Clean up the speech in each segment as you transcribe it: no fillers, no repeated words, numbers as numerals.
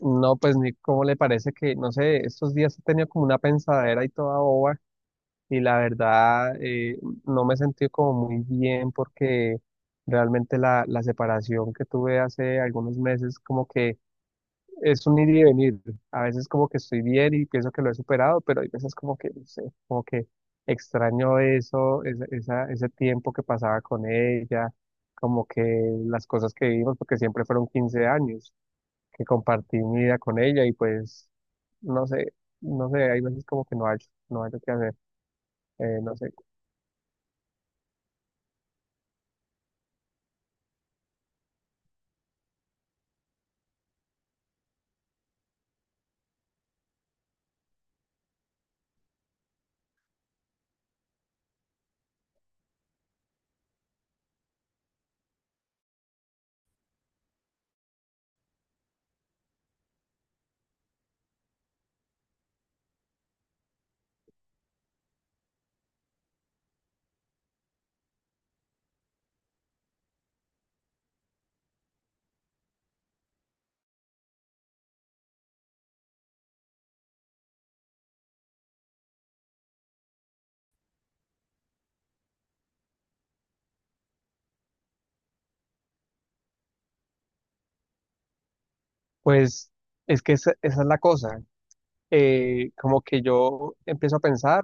No, pues ni cómo le parece que, no sé, estos días he tenido como una pensadera y toda boba y la verdad no me he sentido como muy bien porque realmente la separación que tuve hace algunos meses como que es un ir y venir. A veces como que estoy bien y pienso que lo he superado, pero hay veces como que, no sé, como que extraño eso, ese tiempo que pasaba con ella, como que las cosas que vivimos, porque siempre fueron 15 años que compartí mi vida con ella y pues no sé, no sé, hay veces como que no hay qué hacer, no sé. Pues es que esa es la cosa, como que yo empiezo a pensar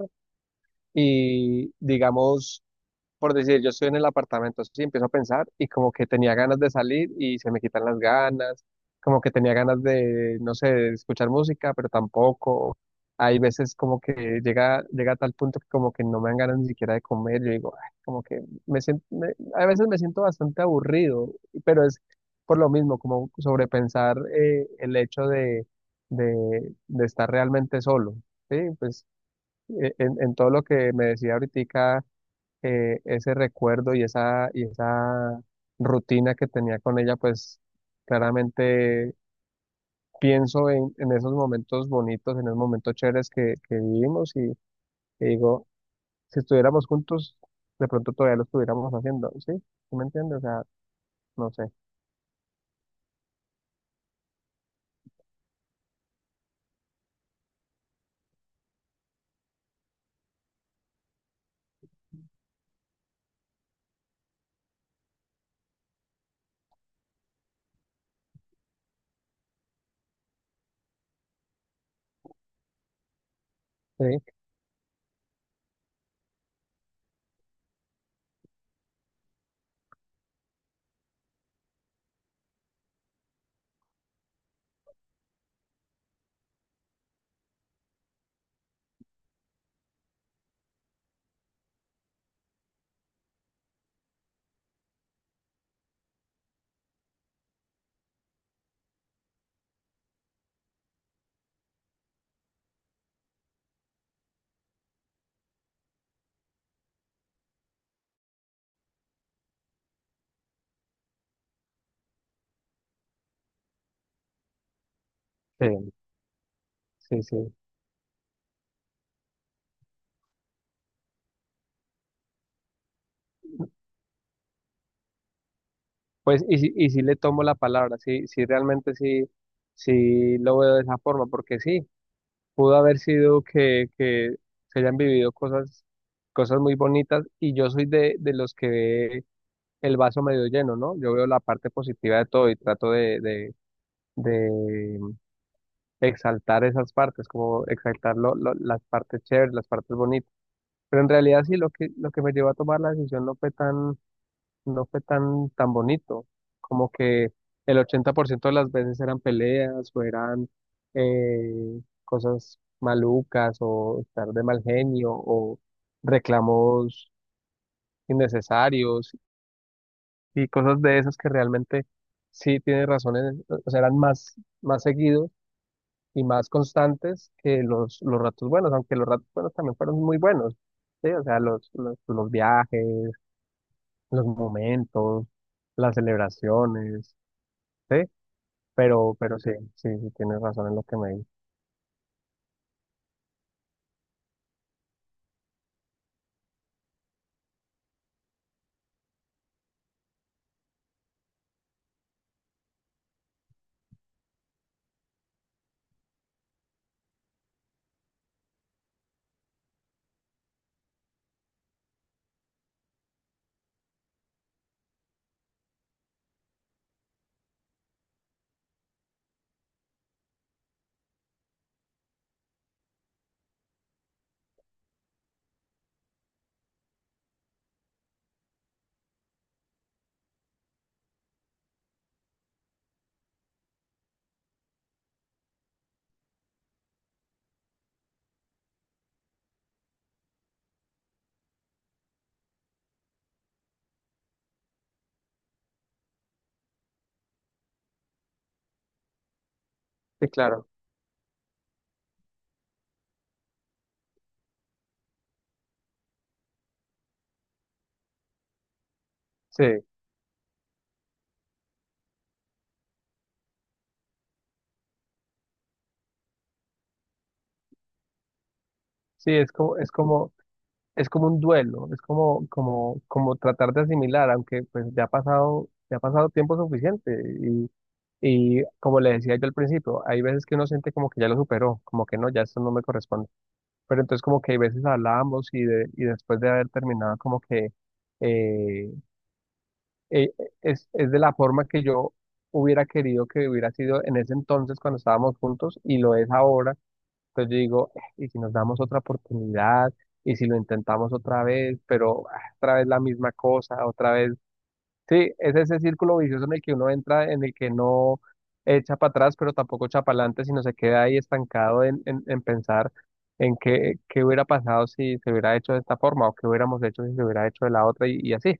y digamos... Por decir, yo estoy en el apartamento, sí, empiezo a pensar y como que tenía ganas de salir y se me quitan las ganas, como que tenía ganas de, no sé, de escuchar música, pero tampoco. Hay veces como que llega a tal punto que como que no me dan ganas ni siquiera de comer. Yo digo, "Ay", como que me siento, a veces me siento bastante aburrido, pero es por lo mismo, como sobrepensar el hecho de, de estar realmente solo, ¿sí? Pues en todo lo que me decía ahorita ese recuerdo y esa rutina que tenía con ella, pues claramente pienso en esos momentos bonitos, en esos momentos chéveres que vivimos y digo, si estuviéramos juntos, de pronto todavía lo estuviéramos haciendo, ¿sí? ¿Sí me entiendes? O sea, no sé. Sí, sí, sí, sí. Pues y, y sí le tomo la palabra, sí, sí, realmente sí, sí lo veo de esa forma, porque sí. Pudo haber sido que se hayan vivido cosas, cosas muy bonitas y yo soy de los que ve el vaso medio lleno, ¿no? Yo veo la parte positiva de todo y trato de exaltar esas partes, como exaltar las partes chéveres, las partes bonitas. Pero en realidad sí, lo que me llevó a tomar la decisión no fue tan no fue tan bonito. Como que el 80% de las veces eran peleas o eran cosas malucas o estar de mal genio o reclamos innecesarios y cosas de esas que realmente sí tienen razones, o sea, eran más, más seguidos y más constantes que los ratos buenos, aunque los ratos buenos también fueron muy buenos. Sí, o sea, los viajes, los momentos, las celebraciones, sí, pero sí, sí, sí, tienes razón en lo que me dices. Sí, claro, sí, sí, es como, es como, es como un duelo, es como, como, como tratar de asimilar, aunque pues ya ha pasado tiempo suficiente y, y como le decía yo al principio, hay veces que uno siente como que ya lo superó, como que no, ya esto no me corresponde, pero entonces como que hay veces hablábamos y después de haber terminado como que eh, eh, es de la forma que yo hubiera querido que hubiera sido en ese entonces cuando estábamos juntos y lo es ahora. Entonces yo digo, y si nos damos otra oportunidad, y si lo intentamos otra vez, pero ah, otra vez la misma cosa, otra vez. Sí, es ese círculo vicioso en el que uno entra, en el que no echa para atrás, pero tampoco echa para adelante, sino se queda ahí estancado en pensar en qué, qué hubiera pasado si se hubiera hecho de esta forma o qué hubiéramos hecho si se hubiera hecho de la otra y así.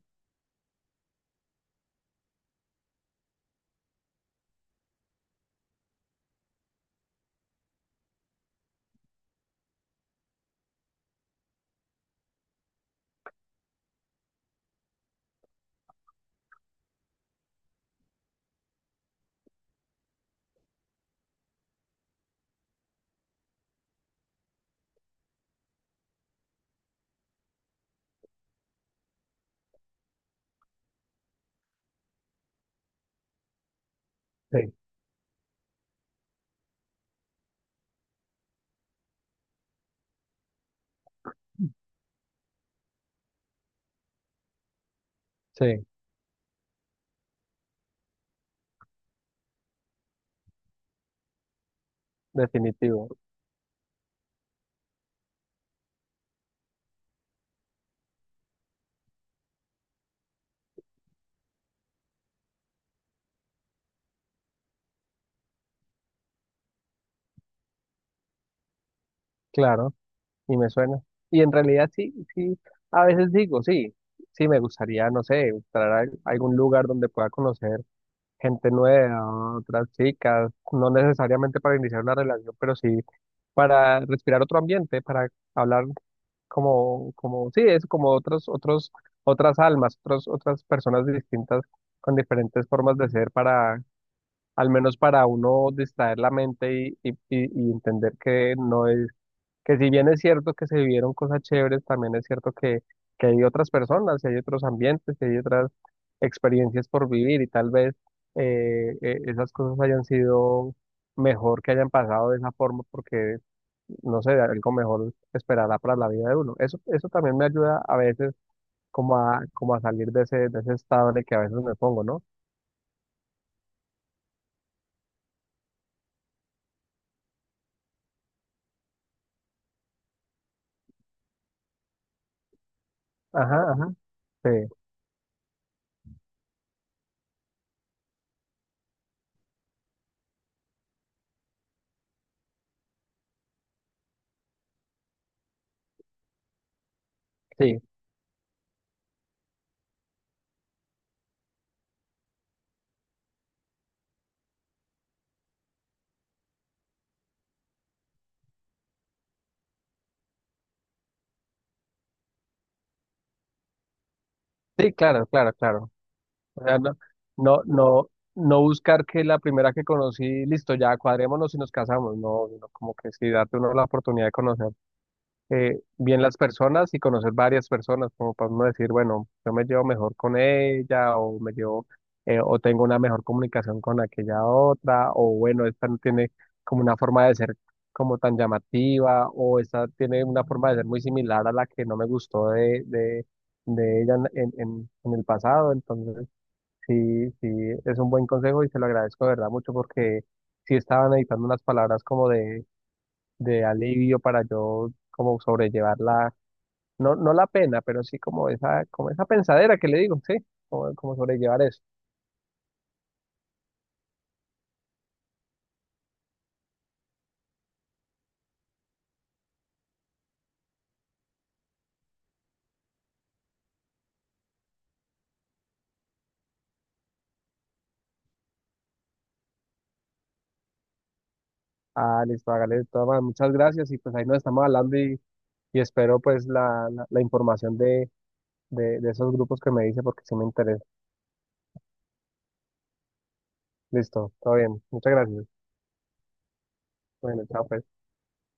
Sí. Sí, definitivo. Claro, y me suena. Y en realidad sí, sí, a veces digo, sí, sí, me gustaría, no sé, entrar a algún lugar donde pueda conocer gente nueva, otras chicas, no necesariamente para iniciar una relación, pero sí para respirar otro ambiente, para hablar como, como, sí, es como otras almas, otras personas distintas con diferentes formas de ser para, al menos para uno distraer la mente y entender que no es que si bien es cierto que se vivieron cosas chéveres, también es cierto que hay otras personas, y hay otros ambientes, y hay otras experiencias por vivir y tal vez esas cosas hayan sido mejor que hayan pasado de esa forma porque, no sé, algo mejor esperará para la vida de uno. Eso también me ayuda a veces como a, como a salir de ese estado en el que a veces me pongo, ¿no? Ajá, ajá, sí, sí, sí, claro, claro, claro. O sea, no, no, no, no buscar que la primera que conocí, listo, ya cuadrémonos y nos casamos. No, sino como que sí, date uno la oportunidad de conocer bien las personas y conocer varias personas, como para uno decir, bueno, yo me llevo mejor con ella o me llevo, o tengo una mejor comunicación con aquella otra, o bueno, esta no tiene como una forma de ser como tan llamativa, o esta tiene una forma de ser muy similar a la que no me gustó de ella en el pasado. Entonces... Sí, sí, es un buen consejo y se lo agradezco de verdad mucho porque sí estaban editando unas palabras como de alivio para yo como sobrellevar la, no, no la pena, pero sí como esa pensadera que le digo, sí, como, como sobrellevar eso. Ah, listo, hágale de todas maneras, muchas gracias y pues ahí nos estamos hablando y espero pues la información de, de esos grupos que me dice porque sí me interesa. Listo, todo bien, muchas gracias. Bueno, chao pues.